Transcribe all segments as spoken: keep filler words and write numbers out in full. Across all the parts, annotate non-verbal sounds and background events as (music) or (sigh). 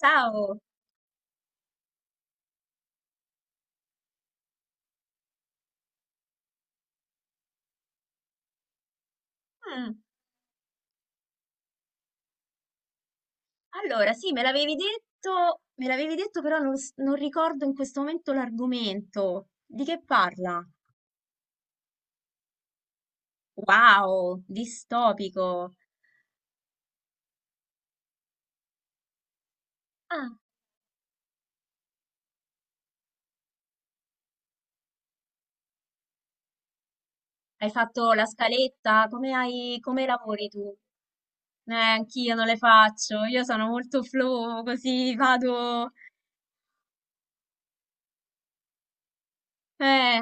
Ciao! Mm, Allora, sì, me l'avevi detto, me l'avevi detto, però non, s- non ricordo in questo momento l'argomento. Di che parla? Wow, distopico. Ah, hai fatto la scaletta? Come hai, come lavori tu? Eh, anch'io non le faccio, io sono molto flow, così vado... Eh,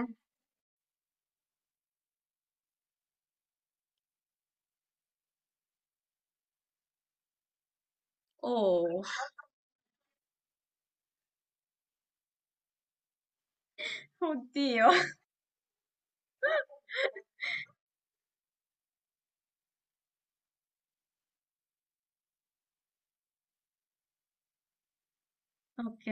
oh, (laughs) oddio. (laughs) Ok.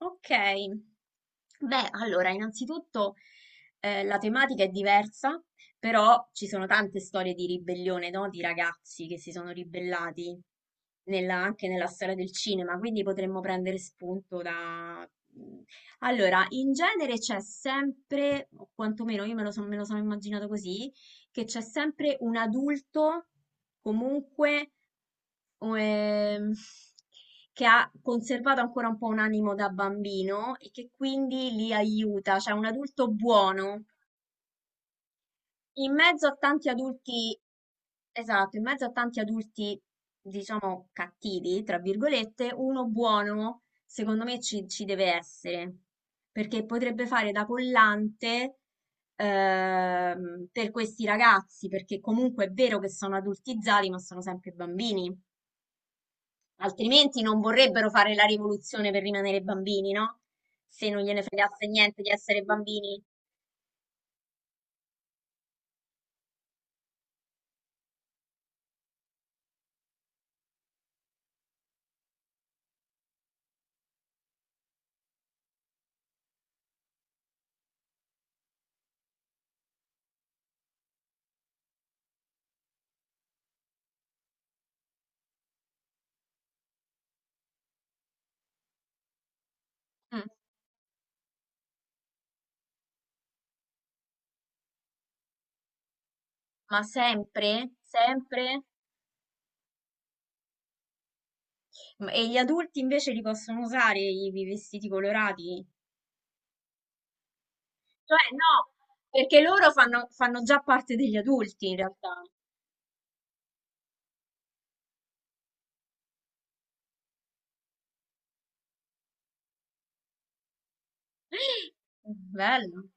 Ok, beh, allora, innanzitutto eh, la tematica è diversa, però ci sono tante storie di ribellione, no? Di ragazzi che si sono ribellati nella- anche nella storia del cinema, quindi potremmo prendere spunto da... Mm. Allora, in genere c'è sempre, o quantomeno io me lo, son- me lo sono immaginato così, che c'è sempre un adulto comunque o, ehm, che ha conservato ancora un po' un animo da bambino e che quindi li aiuta, cioè un adulto buono. In mezzo a tanti adulti, esatto, in mezzo a tanti adulti, diciamo, cattivi, tra virgolette, uno buono, secondo me, ci, ci deve essere, perché potrebbe fare da collante. Ehm, per questi ragazzi, perché comunque è vero che sono adultizzati, ma sono sempre bambini. Altrimenti non vorrebbero fare la rivoluzione per rimanere bambini, no? Se non gliene fregasse niente di essere bambini. Mm. Ma sempre, sempre. Ma- E gli adulti invece li possono usare i i vestiti colorati? Cioè, no, perché loro fanno, fanno già parte degli adulti in realtà. Bello.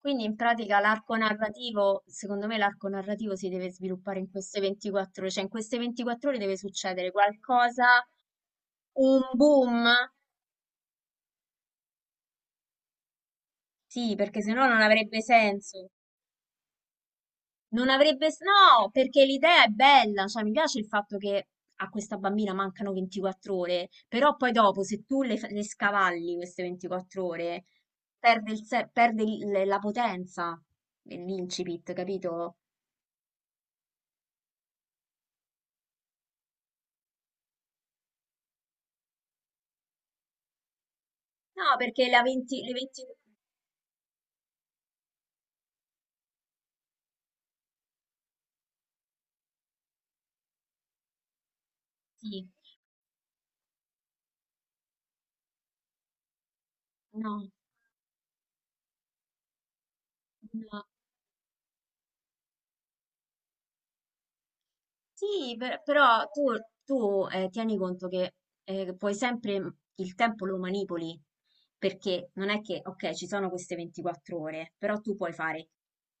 Quindi in pratica l'arco narrativo, secondo me l'arco narrativo si deve sviluppare in queste ventiquattro ore, cioè in queste ventiquattro ore deve succedere qualcosa, un boom. Sì, perché sennò non avrebbe senso. Non avrebbe... s- No, perché l'idea è bella, cioè mi piace il fatto che a questa bambina mancano ventiquattro ore, però poi dopo se tu le, fa- le scavalli queste ventiquattro ore, perde, il se- perde il- la potenza dell'incipit, capito? No, perché la venti, le venti... Sì, no, no. Sì, per- però tu, tu, eh, tieni conto che eh, puoi sempre, mm, il tempo lo manipoli, perché non è che, ok, ci sono queste ventiquattro ore, però tu puoi fare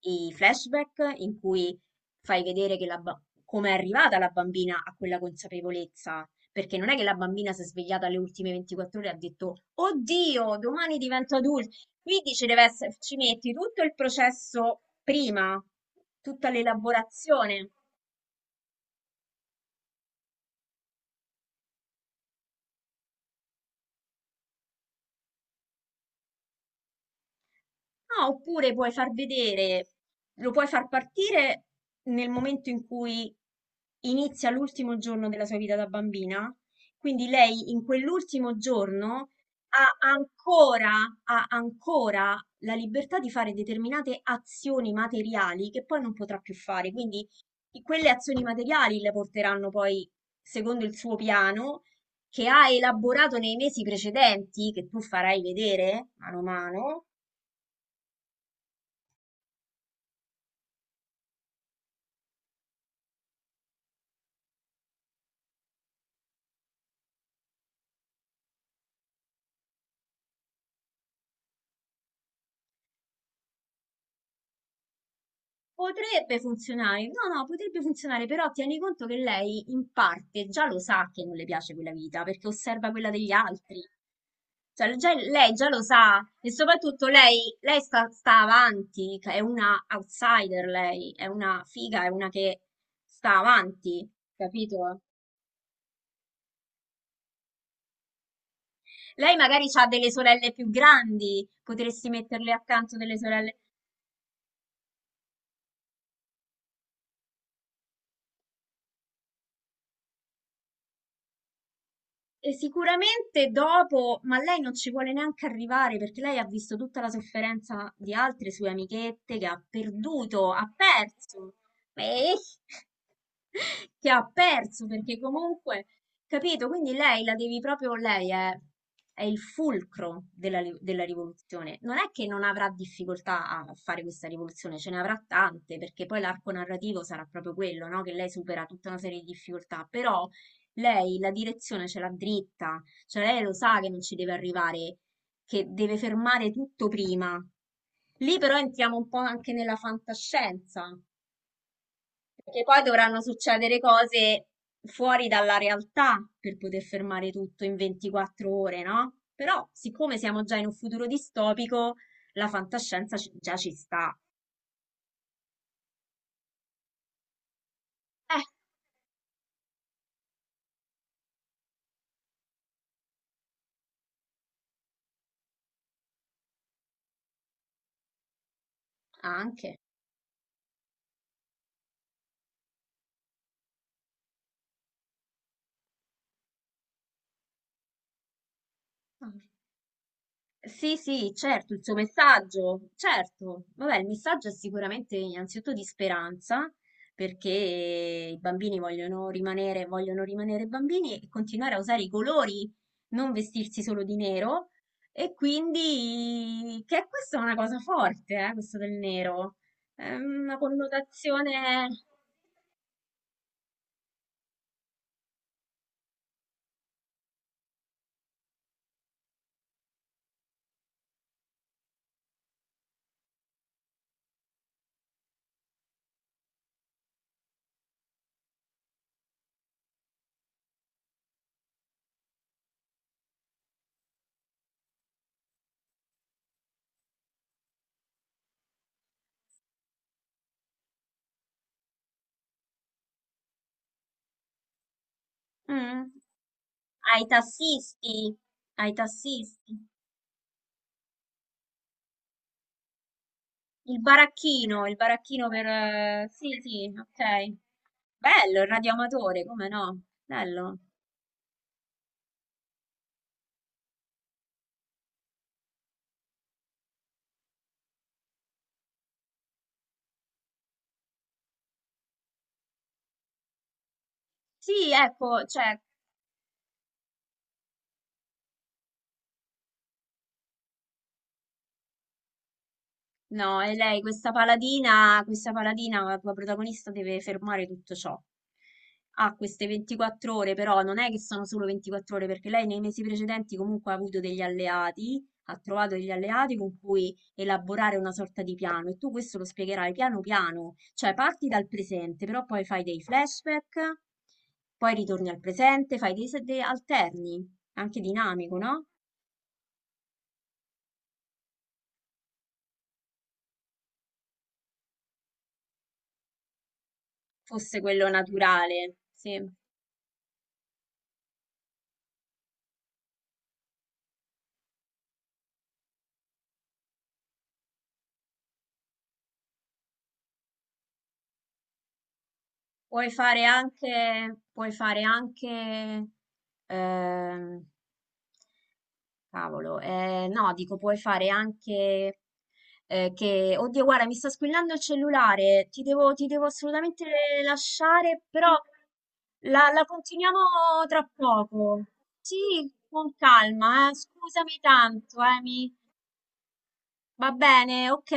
i flashback in cui fai vedere che la ba- come è arrivata la bambina a quella consapevolezza, perché non è che la bambina si è svegliata alle ultime ventiquattro ore e ha detto, oddio, domani divento adulto. Quindi ci deve essere, ci metti tutto il processo prima, tutta l'elaborazione. Ah, oppure puoi far vedere, lo puoi far partire nel momento in cui inizia l'ultimo giorno della sua vita da bambina. Quindi lei in quell'ultimo giorno ha ancora, ha ancora la libertà di fare determinate azioni materiali che poi non potrà più fare. Quindi i- quelle azioni materiali le porteranno poi, secondo il suo piano, che ha elaborato nei mesi precedenti, che tu farai vedere mano a mano. Potrebbe funzionare, no, no, potrebbe funzionare, però tieni conto che lei in parte già lo sa che non le piace quella vita perché osserva quella degli altri. Cioè, già- lei già lo sa e soprattutto lei, lei sta, sta avanti, è una outsider lei, è una figa, è una che sta avanti, capito? Lei magari ha delle sorelle più grandi, potresti metterle accanto delle sorelle. E sicuramente dopo, ma lei non ci vuole neanche arrivare perché lei ha visto tutta la sofferenza di altre sue amichette che ha perduto, ha perso, eh, (laughs) che ha perso perché comunque, capito? Quindi lei la devi proprio, lei è, è il fulcro della, ri- della rivoluzione. Non è che non avrà difficoltà a fare questa rivoluzione, ce ne avrà tante perché poi l'arco narrativo sarà proprio quello, no? Che lei supera tutta una serie di difficoltà, però lei la direzione ce l'ha dritta, cioè lei lo sa che non ci deve arrivare, che deve fermare tutto prima. Lì però entriamo un po' anche nella fantascienza, perché poi dovranno succedere cose fuori dalla realtà per poter fermare tutto in ventiquattro ore, no? Però, siccome siamo già in un futuro distopico, la fantascienza ci- già ci sta. Eh, anche. Ah. Sì, sì, certo, il suo messaggio, certo. Vabbè, il messaggio è sicuramente innanzitutto di speranza, perché i bambini vogliono rimanere, vogliono rimanere bambini e continuare a usare i colori, non vestirsi solo di nero. E quindi, che questa è una cosa forte, eh, questo del nero. È una connotazione, mm, ai tassisti, ai tassisti. Il baracchino, il baracchino per... eh, sì, sì, ok. Bello, il radioamatore, come no? Bello. Sì, ecco, cioè, no, e lei, questa paladina, questa paladina, la tua protagonista deve fermare tutto ciò. Ha queste ventiquattro ore, però non è che sono solo ventiquattro ore, perché lei nei mesi precedenti comunque ha avuto degli alleati, ha trovato degli alleati con cui elaborare una sorta di piano, e tu questo lo spiegherai piano piano, cioè parti dal presente, però poi fai dei flashback, poi ritorni al presente, fai dei, se- dei alterni, anche dinamico, no? Fosse quello naturale, sì. Puoi fare anche, puoi fare anche, ehm, cavolo, eh, no, dico puoi fare anche eh, che, oddio, guarda, mi sta squillando il cellulare, ti devo, ti devo assolutamente lasciare, però la, la continuiamo tra poco. Sì, con calma, eh, scusami tanto, Amy. Va bene, ok,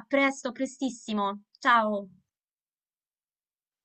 a presto, a prestissimo. Ciao.